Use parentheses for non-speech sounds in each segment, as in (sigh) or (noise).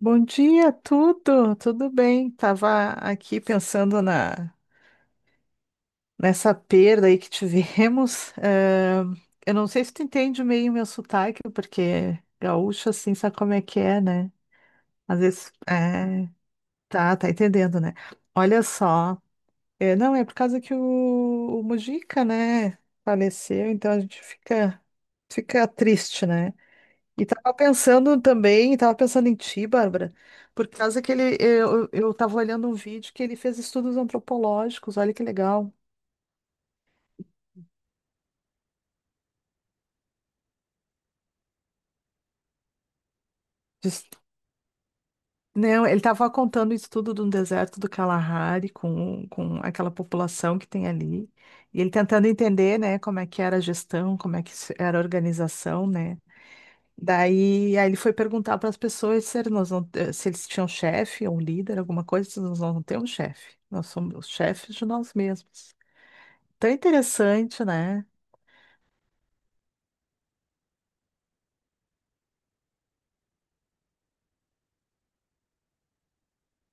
Bom dia, tudo bem. Tava aqui pensando na nessa perda aí que tivemos. (laughs) Eu não sei se tu entende meio o meu sotaque, porque gaúcho assim sabe como é que é, né? Às vezes, é, tá entendendo, né? Olha só, não é por causa que o Mujica, né, faleceu, então a gente fica triste, né? E tava pensando também, tava pensando em ti, Bárbara, por causa que ele, eu tava olhando um vídeo que ele fez estudos antropológicos, olha que legal. Diz- Não, ele tava contando o estudo do deserto do Kalahari com aquela população que tem ali, e ele tentando entender, né, como é que era a gestão, como é que era a organização, né. Aí ele foi perguntar para as pessoas se eles, nós não, se eles tinham chefe ou um líder, alguma coisa, se nós não temos chefe, nós somos os chefes de nós mesmos. Tão interessante, né?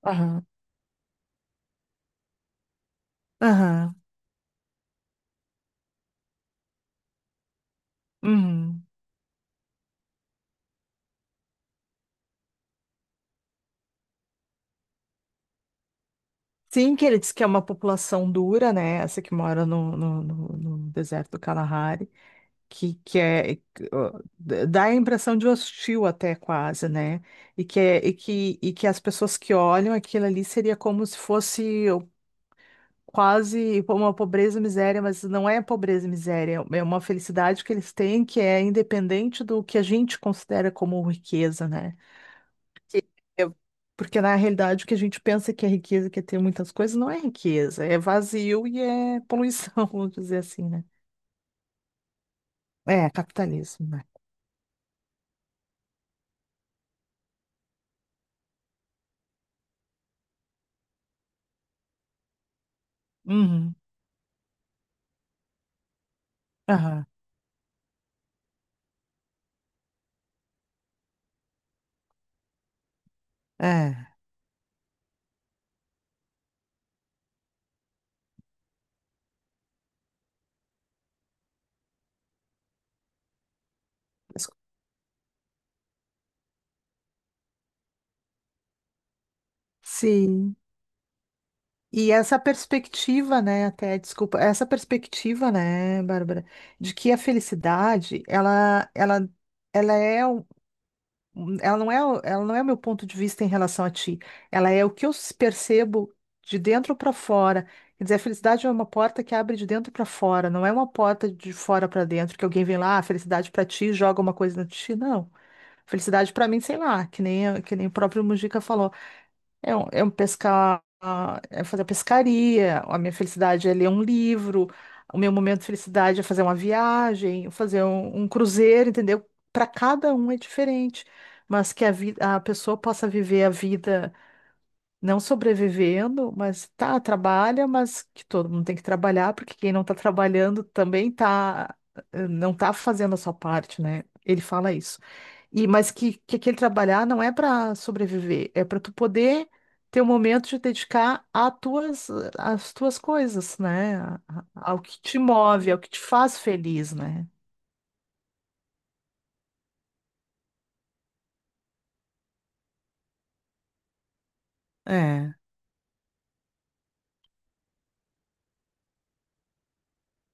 Aham. Aham. Uhum. Sim, que ele diz que é uma população dura, né? Essa que mora no deserto do Kalahari, que, que é. que, ó, dá a impressão de hostil até quase, né? E que, é, e que as pessoas que olham aquilo ali seria como se fosse quase uma pobreza e miséria, mas não é pobreza e miséria, é uma felicidade que eles têm que é independente do que a gente considera como riqueza, né? Eu- Porque na realidade o que a gente pensa que é riqueza, que é ter muitas coisas, não é riqueza, é vazio e é poluição, (laughs) vamos dizer assim, né? É, capitalismo, né? Uhum. Aham. É. Mas- Sim. E essa perspectiva, né, até, desculpa, essa perspectiva, né, Bárbara, de que a felicidade, ela é, um- Ela não é, ela não é o meu ponto de vista em relação a ti. Ela é o que eu percebo de dentro para fora. Quer dizer, a felicidade é uma porta que abre de dentro para fora, não é uma porta de fora para dentro, que alguém vem lá, ah, felicidade para ti, joga uma coisa na ti. Não. Felicidade para mim, sei lá, que nem o próprio Mujica falou. É um pescar, é fazer pescaria, a minha felicidade é ler um livro, o meu momento de felicidade é fazer uma viagem, fazer um cruzeiro, entendeu? Para cada um é diferente, mas que a vida, a pessoa possa viver a vida não sobrevivendo, mas tá, trabalha, mas que todo mundo tem que trabalhar, porque quem não tá trabalhando também tá, não tá fazendo a sua parte, né? Ele fala isso. E mas que aquele trabalhar não é para sobreviver, é para tu poder ter um momento de dedicar a tuas, às tuas coisas, né? Ao que te move, ao que te faz feliz, né? É.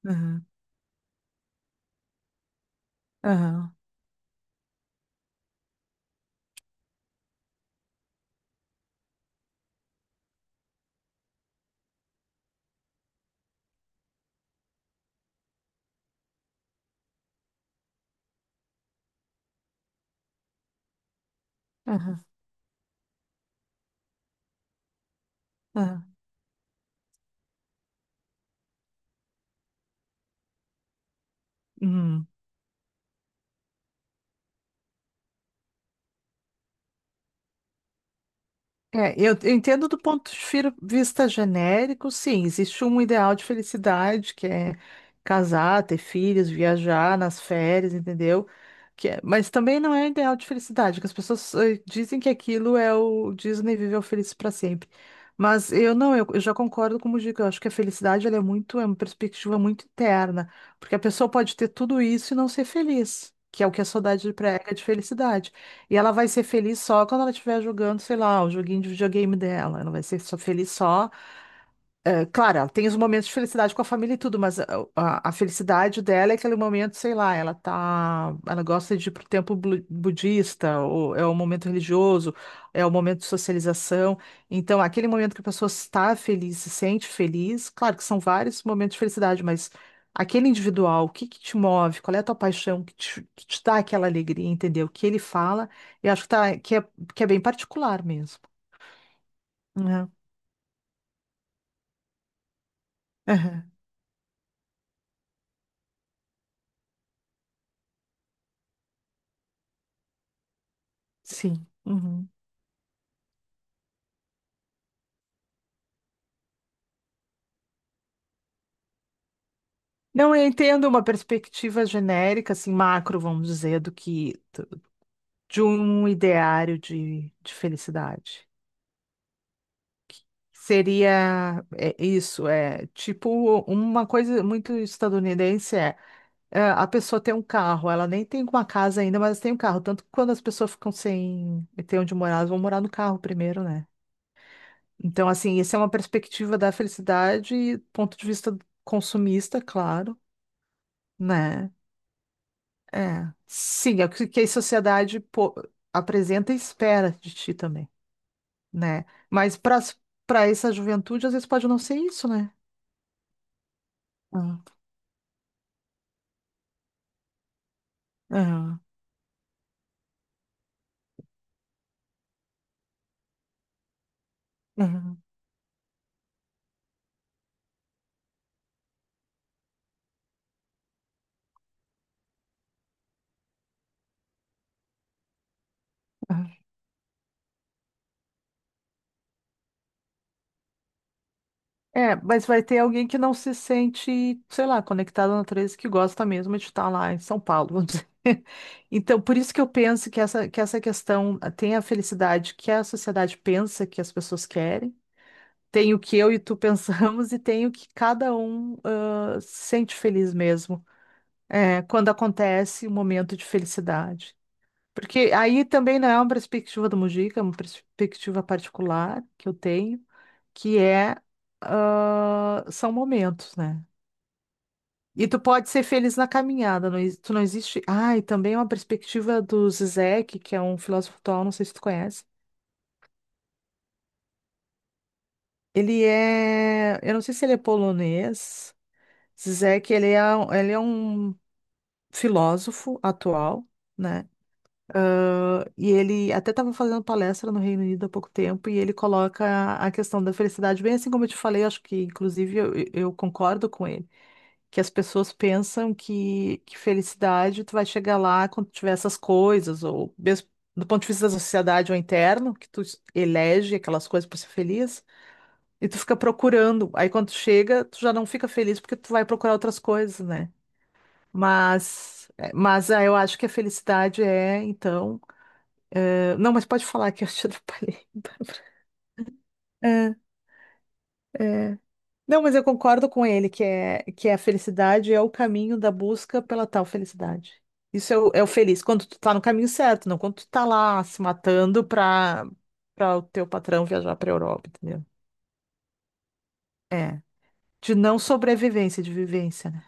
Aham, aham, aham, aham. Uhum. É, eu entendo do ponto de vista genérico, sim, existe um ideal de felicidade, que é casar, ter filhos, viajar nas férias, entendeu? Mas também não é ideal de felicidade, que as pessoas dizem que aquilo é o Disney viveu feliz para sempre. Mas eu não, eu já concordo com o Mujica, eu acho que a felicidade ela é muito, é uma perspectiva muito interna, porque a pessoa pode ter tudo isso e não ser feliz, que é o que a saudade prega de felicidade. E ela vai ser feliz só quando ela estiver jogando, sei lá, o joguinho de videogame dela. Ela vai ser só feliz só. É, claro, ela tem os momentos de felicidade com a família e tudo, mas a felicidade dela é aquele momento, sei lá, ela tá, ela gosta de ir pro templo budista, ou é o momento religioso, é o momento de socialização. Então, aquele momento que a pessoa está feliz, se sente feliz, claro que são vários momentos de felicidade, mas aquele individual, o que que te move, qual é a tua paixão que te dá aquela alegria, entendeu? O que ele fala, eu acho que que é bem particular mesmo, né? Aham, Sim. Uhum. Não, eu entendo uma perspectiva genérica, assim, macro, vamos dizer, de um ideário de felicidade. Seria é, isso, é tipo uma coisa muito estadunidense a pessoa tem um carro, ela nem tem uma casa ainda, mas tem um carro. Tanto que quando as pessoas ficam sem ter onde morar, elas vão morar no carro primeiro, né? Então, assim, essa é uma perspectiva da felicidade, ponto de vista consumista, claro, né? É, sim, é o que que a sociedade apresenta e espera de ti também, né? Mas para essa juventude, às vezes pode não ser isso, né? Hum, aham, aham, aham. É, mas vai ter alguém que não se sente, sei lá, conectado na natureza, que gosta mesmo de estar lá em São Paulo, vamos dizer. (laughs) Então, por isso que eu penso que que essa questão ah, tem a felicidade que a sociedade pensa que as pessoas querem, tem o que eu e tu (laughs) pensamos, e tem o que cada um ah, se sente feliz mesmo. É, quando acontece um momento de felicidade. Porque aí também não é uma perspectiva do Mujica, é uma perspectiva particular que eu tenho, que é, ah, são momentos, né? E tu pode ser feliz na caminhada, não, tu não existe. Ah, e também é uma perspectiva do Zizek, que é um filósofo atual, não sei se tu conhece. Ele é, eu não sei se ele é polonês. Zizek, ele é um filósofo atual, né? E ele até estava fazendo palestra no Reino Unido há pouco tempo e ele coloca a questão da felicidade, bem assim como eu te falei, eu acho que inclusive eu concordo com ele, que as pessoas pensam que felicidade tu vai chegar lá quando tiver essas coisas, ou mesmo do ponto de vista da sociedade ou interno, que tu elege aquelas coisas para ser feliz, e tu fica procurando. Aí quando tu chega, tu já não fica feliz porque tu vai procurar outras coisas, né? Mas eu acho que a felicidade é, então. Ah, não, mas pode falar que eu te atrapalhei. É, é. Não, mas eu concordo com ele que é a felicidade é o caminho da busca pela tal felicidade. Isso é é o feliz, quando tu tá no caminho certo, não quando tu tá lá se matando pra, pra o teu patrão viajar pra Europa, entendeu? É. De não sobrevivência, de vivência, né?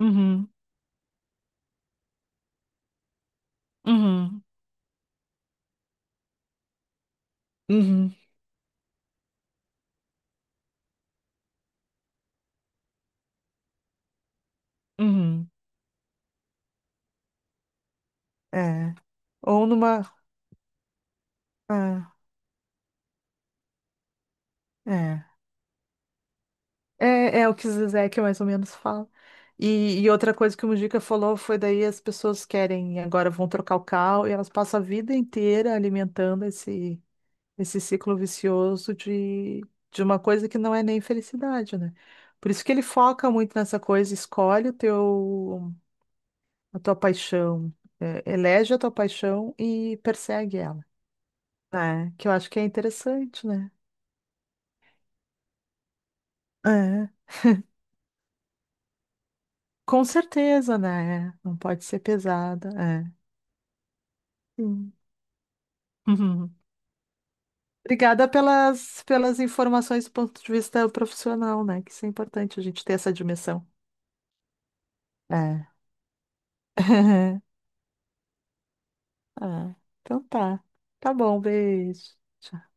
Uhum, uhum, uhum, uhum. É. Ou numa. É. é. É, é o que o Zizek mais ou menos fala. E outra coisa que o Mujica falou foi daí as pessoas querem, agora vão trocar o cal e elas passam a vida inteira alimentando esse, esse ciclo vicioso de uma coisa que não é nem felicidade, né? Por isso que ele foca muito nessa coisa, escolhe o teu, a tua paixão, é, elege a tua paixão e persegue ela, né? Que eu acho que é interessante, né? É, com certeza, né? Não pode ser pesada, é. Sim. Uhum. Obrigada pelas, pelas informações do ponto de vista profissional, né? Que isso é importante a gente ter essa dimensão. É. (laughs) Ah, então tá. Tá bom, beijo. Tchau.